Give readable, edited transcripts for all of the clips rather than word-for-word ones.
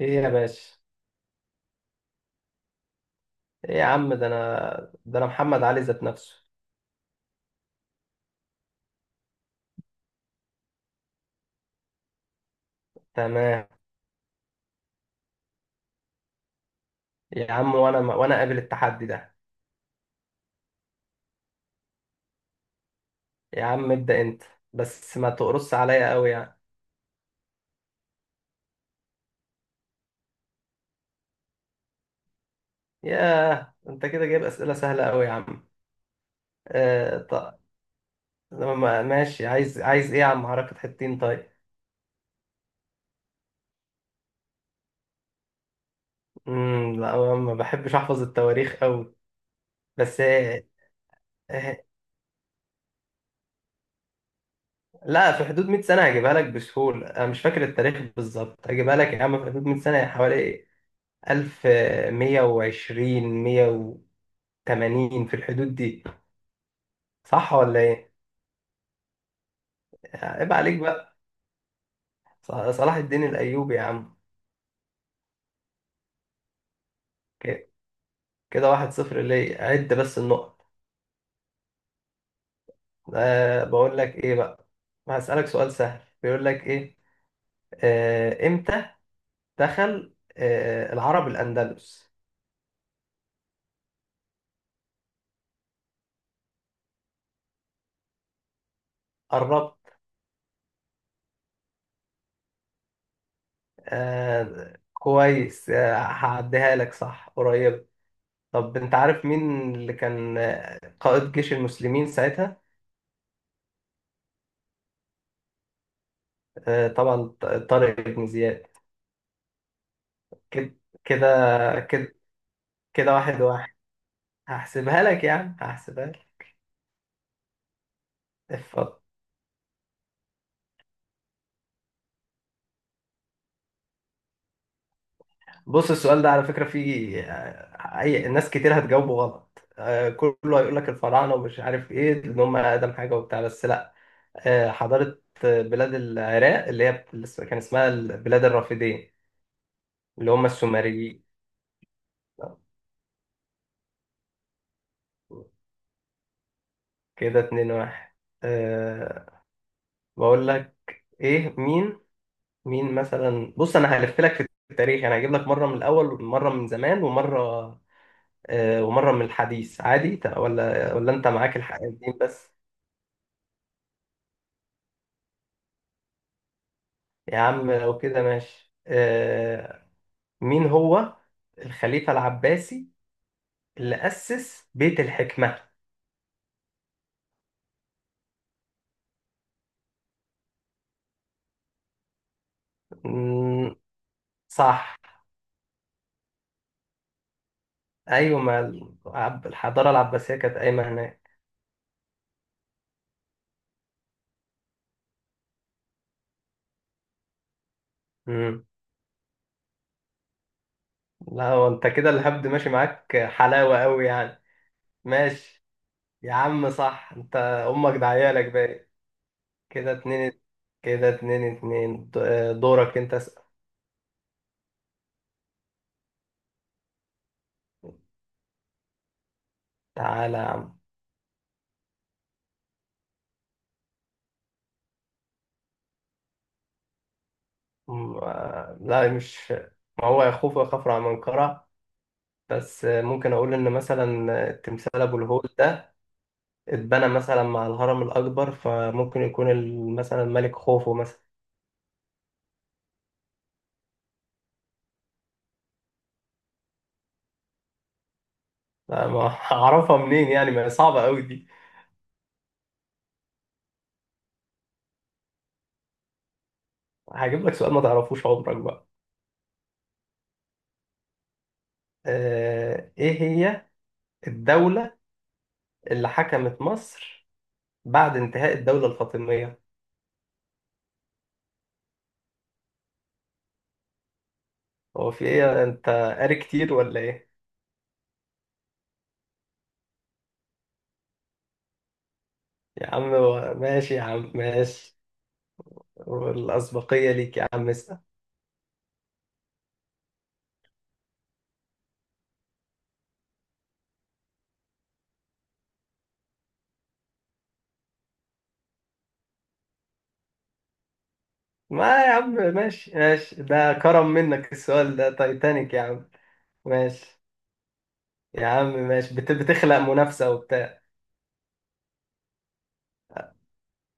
ايه يا باشا. ايه يا عم، ده انا محمد علي ذات نفسه. تمام يا عم، وانا قابل التحدي ده. يا عم، ابدأ انت. بس ما تقرص عليا قوي يعني. ياه، انت كده جايب اسئلة سهلة قوي يا عم. آه طب. ماشي، عايز ايه يا عم؟ حركة حتتين؟ طيب. لا، أنا ما بحبش احفظ التواريخ قوي. بس آه، لا، في حدود 100 سنة هجيبها لك بسهولة. انا مش فاكر التاريخ بالظبط، هجيبها لك يا عم في حدود 100 سنة يعني. حوالي 1120 1180، في الحدود دي. صح ولا إيه؟ عيب عليك بقى. صلاح الدين الأيوبي يا عم. ك- كده 1-0. ليه؟ عد بس النقط. بقول لك إيه بقى. هسألك سؤال سهل، بيقول لك إيه. إمتى دخل العرب الأندلس؟ قربت. كويس، هعديها لك، صح قريب. طب أنت عارف مين اللي كان قائد جيش المسلمين ساعتها؟ طبعا طارق بن زياد. كده كده كده كده 1-1. هحسبها لك يعني، هحسبها لك. اتفضل. بص، السؤال ده على فكرة فيه أي ناس كتير هتجاوبه غلط. كله هيقول لك الفراعنة ومش عارف إيه، إن هم أقدم حاجة وبتاع. بس لأ. حضارة بلاد العراق، اللي هي اللي كان اسمها بلاد الرافدين، اللي هم السومريين. كده 2-1. أه بقول لك إيه. مين مثلا؟ بص، انا هلف لك في التاريخ يعني. هجيب لك مره من الاول، مره من زمان، ومره ومره من الحديث. عادي، ولا انت معاك الحقيقتين بس؟ يا عم لو كده ماشي. مين هو الخليفه العباسي اللي اسس بيت الحكمه؟ مم، صح. ايوه، ما الحضاره العباسيه كانت قايمه هناك. مم. لا هو انت كده الهبد ماشي معاك حلاوه قوي يعني. ماشي يا عم، صح، انت امك دعيالك بقى. كده اتنين كده 2-2، دورك انت اسأل. تعالى يا عم. لا مش. ما هو يخوف ويخاف على منقرة. بس ممكن اقول ان مثلا تمثال ابو الهول ده اتبنى مثلا مع الهرم الاكبر، فممكن يكون مثلا ملك خوفو مثلا. لا، ما هعرفها منين يعني؟ ما هي صعبة قوي دي. هجيب لك سؤال ما تعرفوش عمرك بقى. ايه هي الدولة اللي حكمت مصر بعد انتهاء الدولة الفاطمية؟ هو في ايه؟ انت قاري كتير ولا ايه؟ يا عم ماشي يا عم، ماشي. والأسبقية ليك يا عم، اسأل. ما يا عم ماشي، ماشي. ده كرم منك السؤال ده. تايتانيك يا عم. ماشي يا عم، ماشي، بتخلق منافسة وبتاع.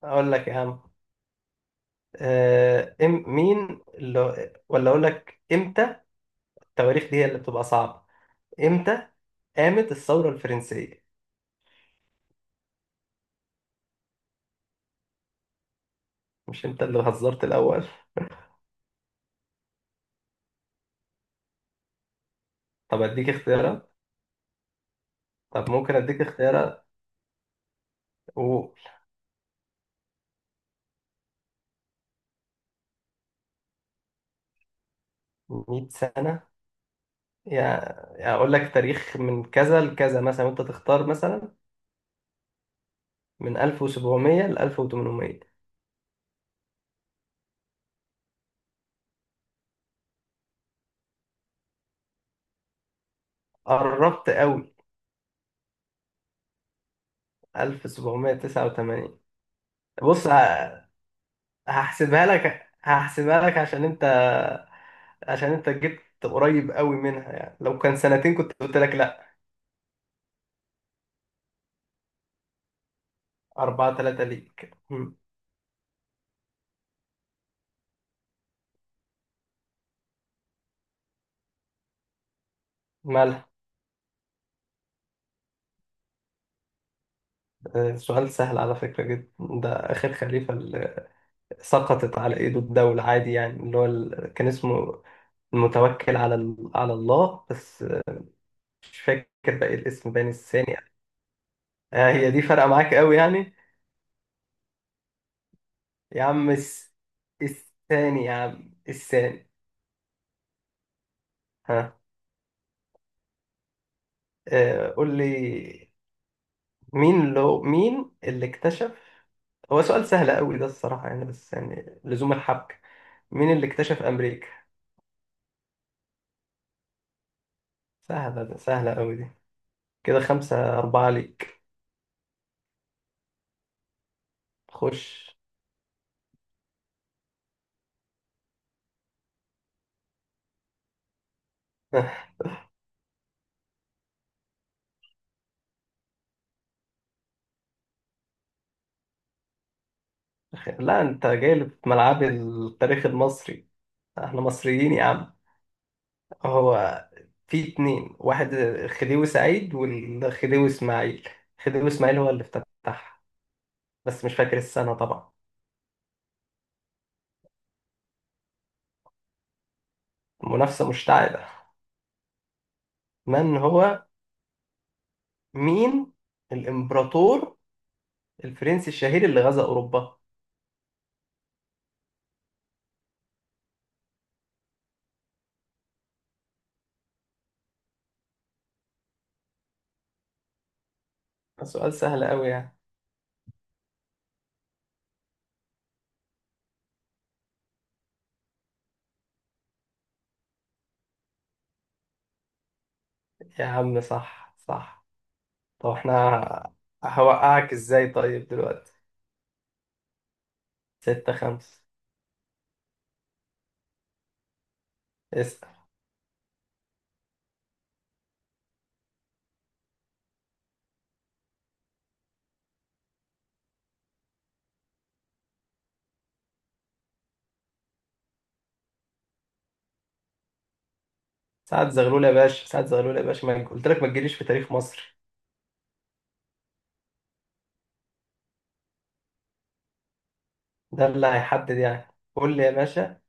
أقول لك يا عم، آه، إم مين اللي ولا أقول لك إمتى. التواريخ دي هي اللي بتبقى صعبة. إمتى قامت الثورة الفرنسية؟ مش أنت اللي هزرت الأول؟ طب أديك اختيارات. طب ممكن أديك اختيارات. و 100 سنة يعني. أقول لك تاريخ من كذا لكذا مثلا، وأنت تختار مثلا من 1700 ل 1800. قربت قوي. 1789. بص هحسبها لك، هحسبها لك. عشان أنت، عشان أنت جبت قريب قوي منها يعني. لو كان سنتين كنت قلت لك لأ. 4-3 ليك. مم. مالها؟ سؤال سهل على فكرة جدا ده. آخر خليفة اللي سقطت على إيده الدولة عادي يعني، اللي هو كان اسمه المتوكل على على الله، بس مش فاكر بقى الاسم بين الثاني. آه، هي دي فارقة معاك قوي يعني. يا عم الثاني يا عم، الثاني. ها، قول لي، مين اللي اكتشف. هو سؤال سهل قوي ده الصراحة يعني، بس يعني لزوم الحبكة. مين اللي اكتشف أمريكا؟ سهلة، ده سهلة قوي دي. كده 5-4 ليك. خش. لا، انت جاي لي في ملعب التاريخ المصري. احنا مصريين يا عم. هو في اتنين، واحد خديوي سعيد والخديوي اسماعيل. خديوي اسماعيل هو اللي افتتحها، بس مش فاكر السنة طبعا. منافسة مشتعلة. من هو، مين الإمبراطور الفرنسي الشهير اللي غزا أوروبا؟ سؤال سهل أوي يعني. يا عم صح، صح. طب احنا هوقعك ازاي طيب دلوقتي. 6-5. اسأل. سعد زغلول يا باشا، سعد زغلول يا باشا. ما قلت لك ما تجيليش في تاريخ مصر. ده اللي هيحدد يعني. قول لي يا باشا.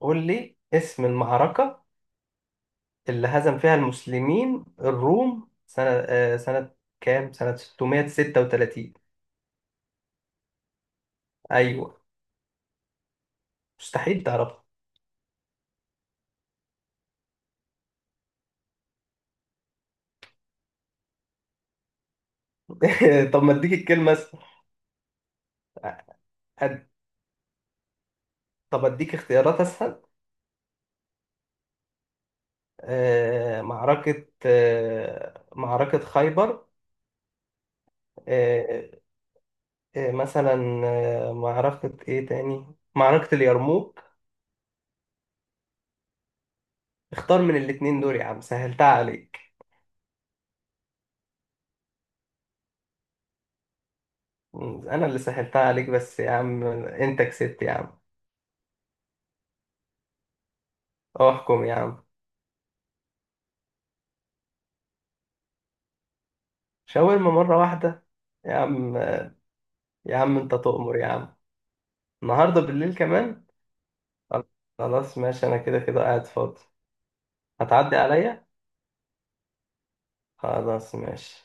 قول لي اسم المعركة اللي هزم فيها المسلمين الروم سنة، سنة كام؟ سنة 636. أيوه. مستحيل تعرفها. طب ما اديك الكلمة أسهل. أد- طب اديك اختيارات أسهل. معركة معركة خيبر. آه، مثلا معركة إيه تاني؟ معركة اليرموك. اختار من الاتنين دول يا عم، سهلتها عليك. أنا اللي سهلتها عليك بس يا عم، أنت كسبت يا عم. احكم يا عم. شاورما مرة واحدة يا عم. يا عم انت تؤمر يا عم. النهاردة بالليل كمان. خلاص ماشي، انا كده كده قاعد فاضي. هتعدي عليا. خلاص ماشي.